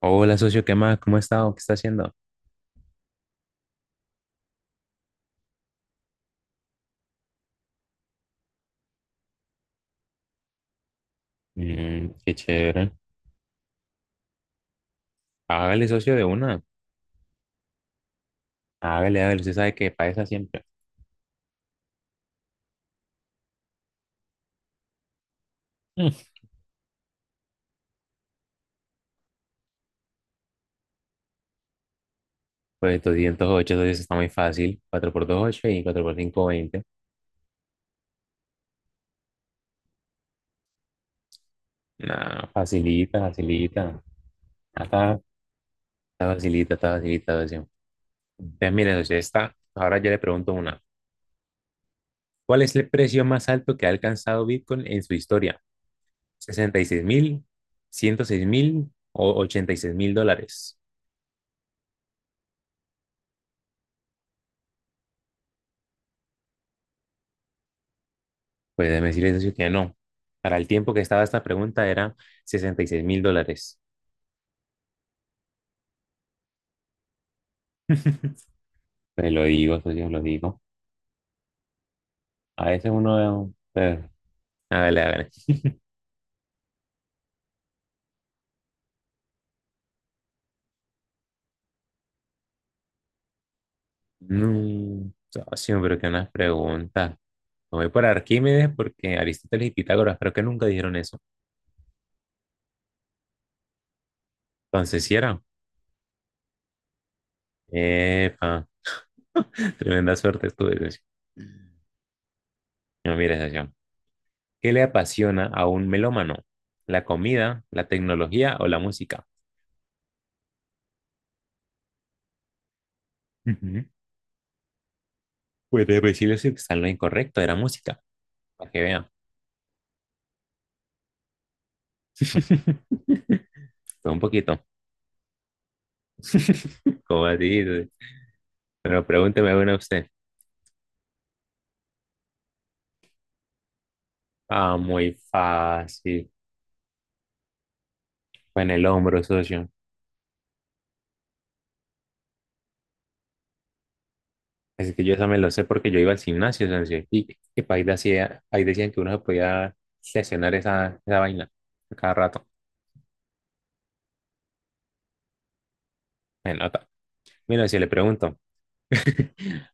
Hola, socio, ¿qué más? ¿Cómo ha estado? ¿Qué está haciendo? Mm, qué chévere. Hágale, socio, de una. Hágale, hágale. Usted sabe que para esa siempre. Mm. Pues 208 socio, eso está muy fácil. Cuatro por dos ocho y cuatro por cinco veinte. Nah, facilita, facilita. Ah, está, está facilita, socio. Entonces, mire, socio, está. Ahora yo le pregunto una. ¿Cuál es el precio más alto que ha alcanzado Bitcoin en su historia? ¿66,000, 106,000 o 86,000 dólares? Pues déjeme decirle, socio, que no. Para el tiempo que estaba esta pregunta era $6,000. Pues lo digo, socio, lo digo. A veces uno... Hágale, hágale. No, socio, pero que unas preguntas. Me voy por Arquímedes porque Aristóteles y Pitágoras creo que nunca dijeron eso. Entonces, ¿si era? Epa, tremenda suerte estuve, socio. No, mire, socio. ¿Qué le apasiona a un melómano? ¿La comida, la tecnología o la música? Ujú. Pues de principio sí está en lo incorrecto, era música, para que vean. Fue un poquito, como así. Pero pregúnteme una usted. Ah, muy fácil. Fue en el hombro, socio. Así que yo esa me lo sé porque yo iba al gimnasio, socio. Y pa' ahí, decía, ahí decían que uno se podía sesionar esa, esa vaina a cada rato. Me nota. Mira, si le pregunto,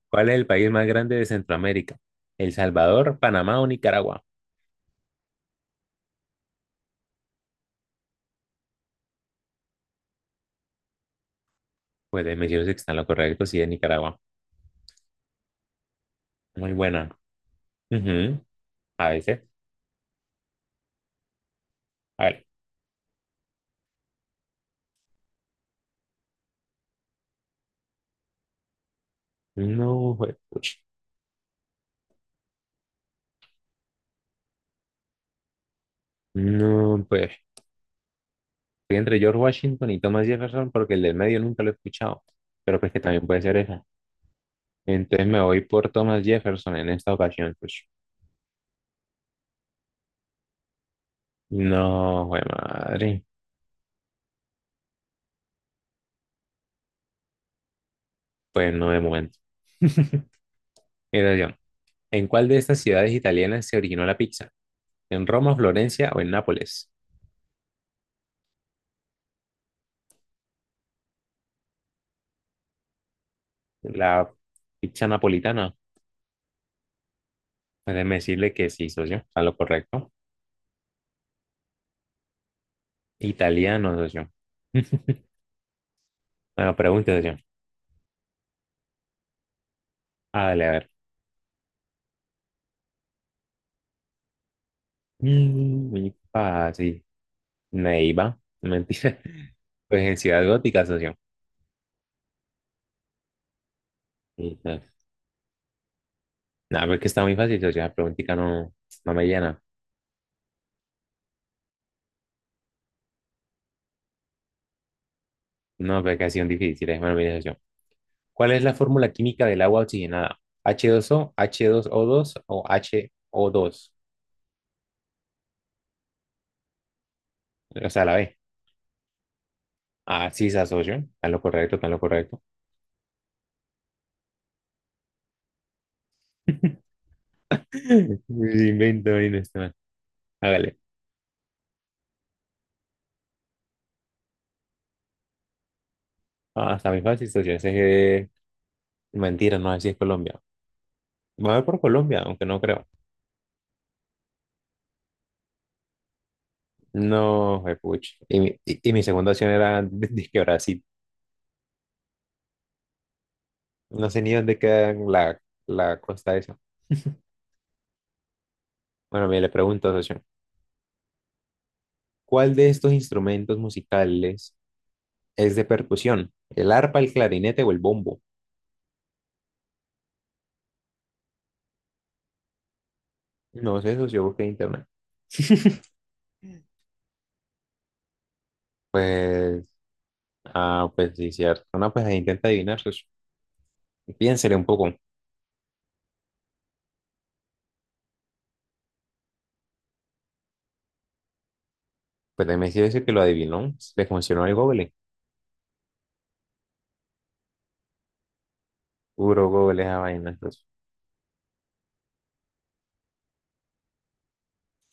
¿cuál es el país más grande de Centroamérica? ¿El Salvador, Panamá o Nicaragua? Pues me dijeron que está en lo correcto, sí, es Nicaragua. Muy buena. Ujú. A veces. A ver. No, pues, pucha. No, pues. Estoy entre George Washington y Thomas Jefferson porque el del medio nunca lo he escuchado. Pero pues que también puede ser esa. Entonces me voy por Thomas Jefferson en esta ocasión, pues. No, güey, madre. Pues no de momento. Mira, yo. ¿En cuál de estas ciudades italianas se originó la pizza? ¿En Roma, Florencia o en Nápoles? La pizza napolitana. Pues déjeme decirle que sí, socio. A lo correcto. Italiano, socio. Bueno, pregunta. Ah, dale, a ver. Mm, muy fácil. Neiva. Mentira. Pues en Ciudad Gótica, socio. eh, Nada, pero es que está muy fácil, socio. La preguntita no, no me llena. No, pero es que ha sido difícil. Bueno, mire, socio. ¿Cuál es la fórmula química del agua oxigenada? ¿H2O, dos o h dos o dos o H O dos? O sea, la B. Ah, sí, esa socio. Está en lo correcto, está en lo correcto. Me invento ahí no está mal. Hágale. Ah, está muy fácil, socio. Ese es... eh, mentira, no, así es Colombia. Va a ver por Colombia, aunque no creo. No, pucha. Y mi segunda opción era de que Brasil. No sé ni dónde queda la, la costa esa. Bueno, mire, le pregunto, socio, ¿cuál de estos instrumentos musicales es de percusión? ¿El arpa, el clarinete o el bombo? No sé, socio, busqué en internet. Pues, ah, pues sí, cierto. No, pues ahí intenta adivinar, socio. Piénsele un poco. Pues me dice que lo adivinó. Le funcionó el Google. Puro Google esa vaina, socio.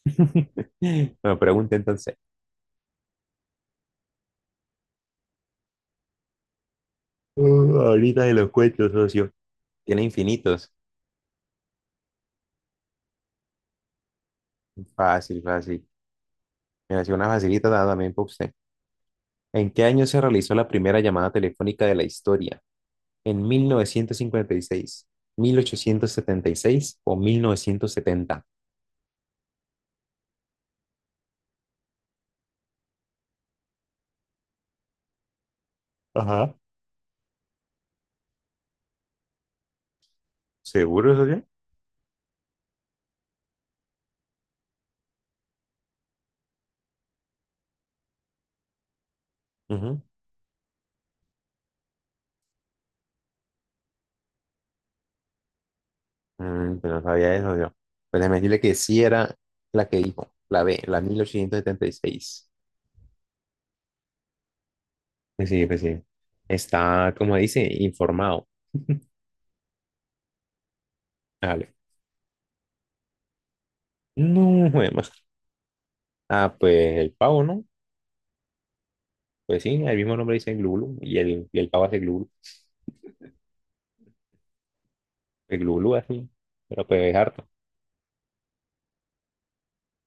Bueno, pregunta entonces. Ahorita se los cuento, socio. Tiene infinitos. Fácil, fácil. Me hacía una facilita también para usted. ¿En qué año se realizó la primera llamada telefónica de la historia? ¿En 1956, 1876 o 1970? Ajá. ¿Seguro, socio? Ujú. Mm, pero no sabía eso, yo. Pues déjeme decirle que sí era la que dijo, la B, la 1876. Pues sí, pues sí. Está, como dice, informado. Dale. No. Ah, pues el pavo, ¿no? Pues sí, el mismo nombre dice glulu y el pavo hace glulu, el glulu así, pero pues es harto.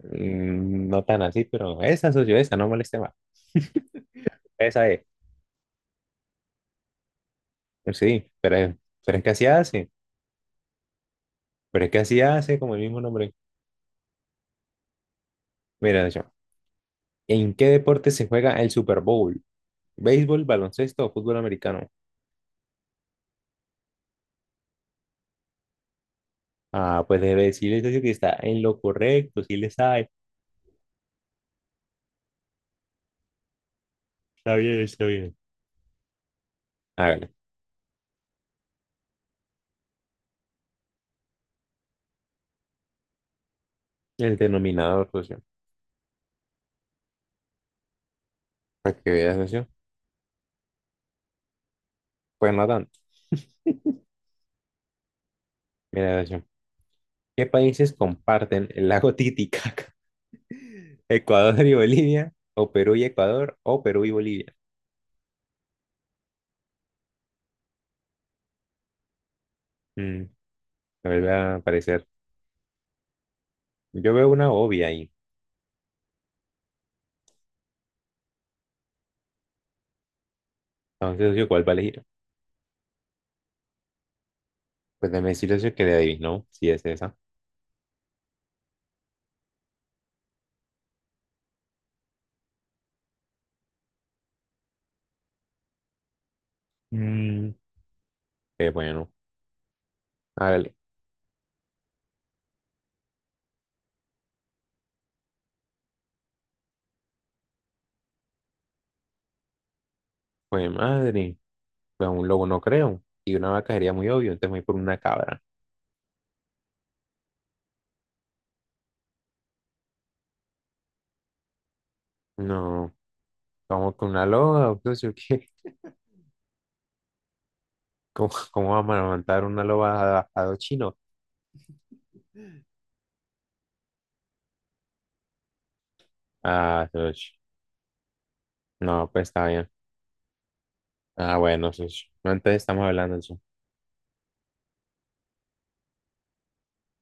Mm, no tan así, pero esa socio, esa, no moleste más. Esa es, pues sí, pero, pero es que así hace, pero es que así hace como el mismo nombre. Mira, socio, ¿en qué deporte se juega el Super Bowl? ¿Béisbol, baloncesto o fútbol americano? Ah, pues debe decirle, socio, que está en lo correcto, sí le sabe. Está bien, está bien. Hágale. El denominador, socio, para que veas, socio, pues no tanto. Mira, socio. ¿Qué países comparten el lago Titicaca? ¿Ecuador y Bolivia? ¿O Perú y Ecuador? ¿O Perú y Bolivia? Mm, me vuelve a parecer. Yo veo una obvia ahí. Entonces, yo, ¿cuál va a elegir? Pues déjame decirle eso que le adivinó, si es esa. Mm, qué bueno. Hágale. Pues madre, pues un lobo no creo. Y una vaca sería muy obvio, entonces me voy por una cabra. No, vamos con una loba, entonces, ¿qué? ¿Cómo, cómo vamos a montar una loba a dos chinos? Ah, dos. No, pues está bien. Ah, bueno, sí, sí. No, entonces estamos hablando de eso.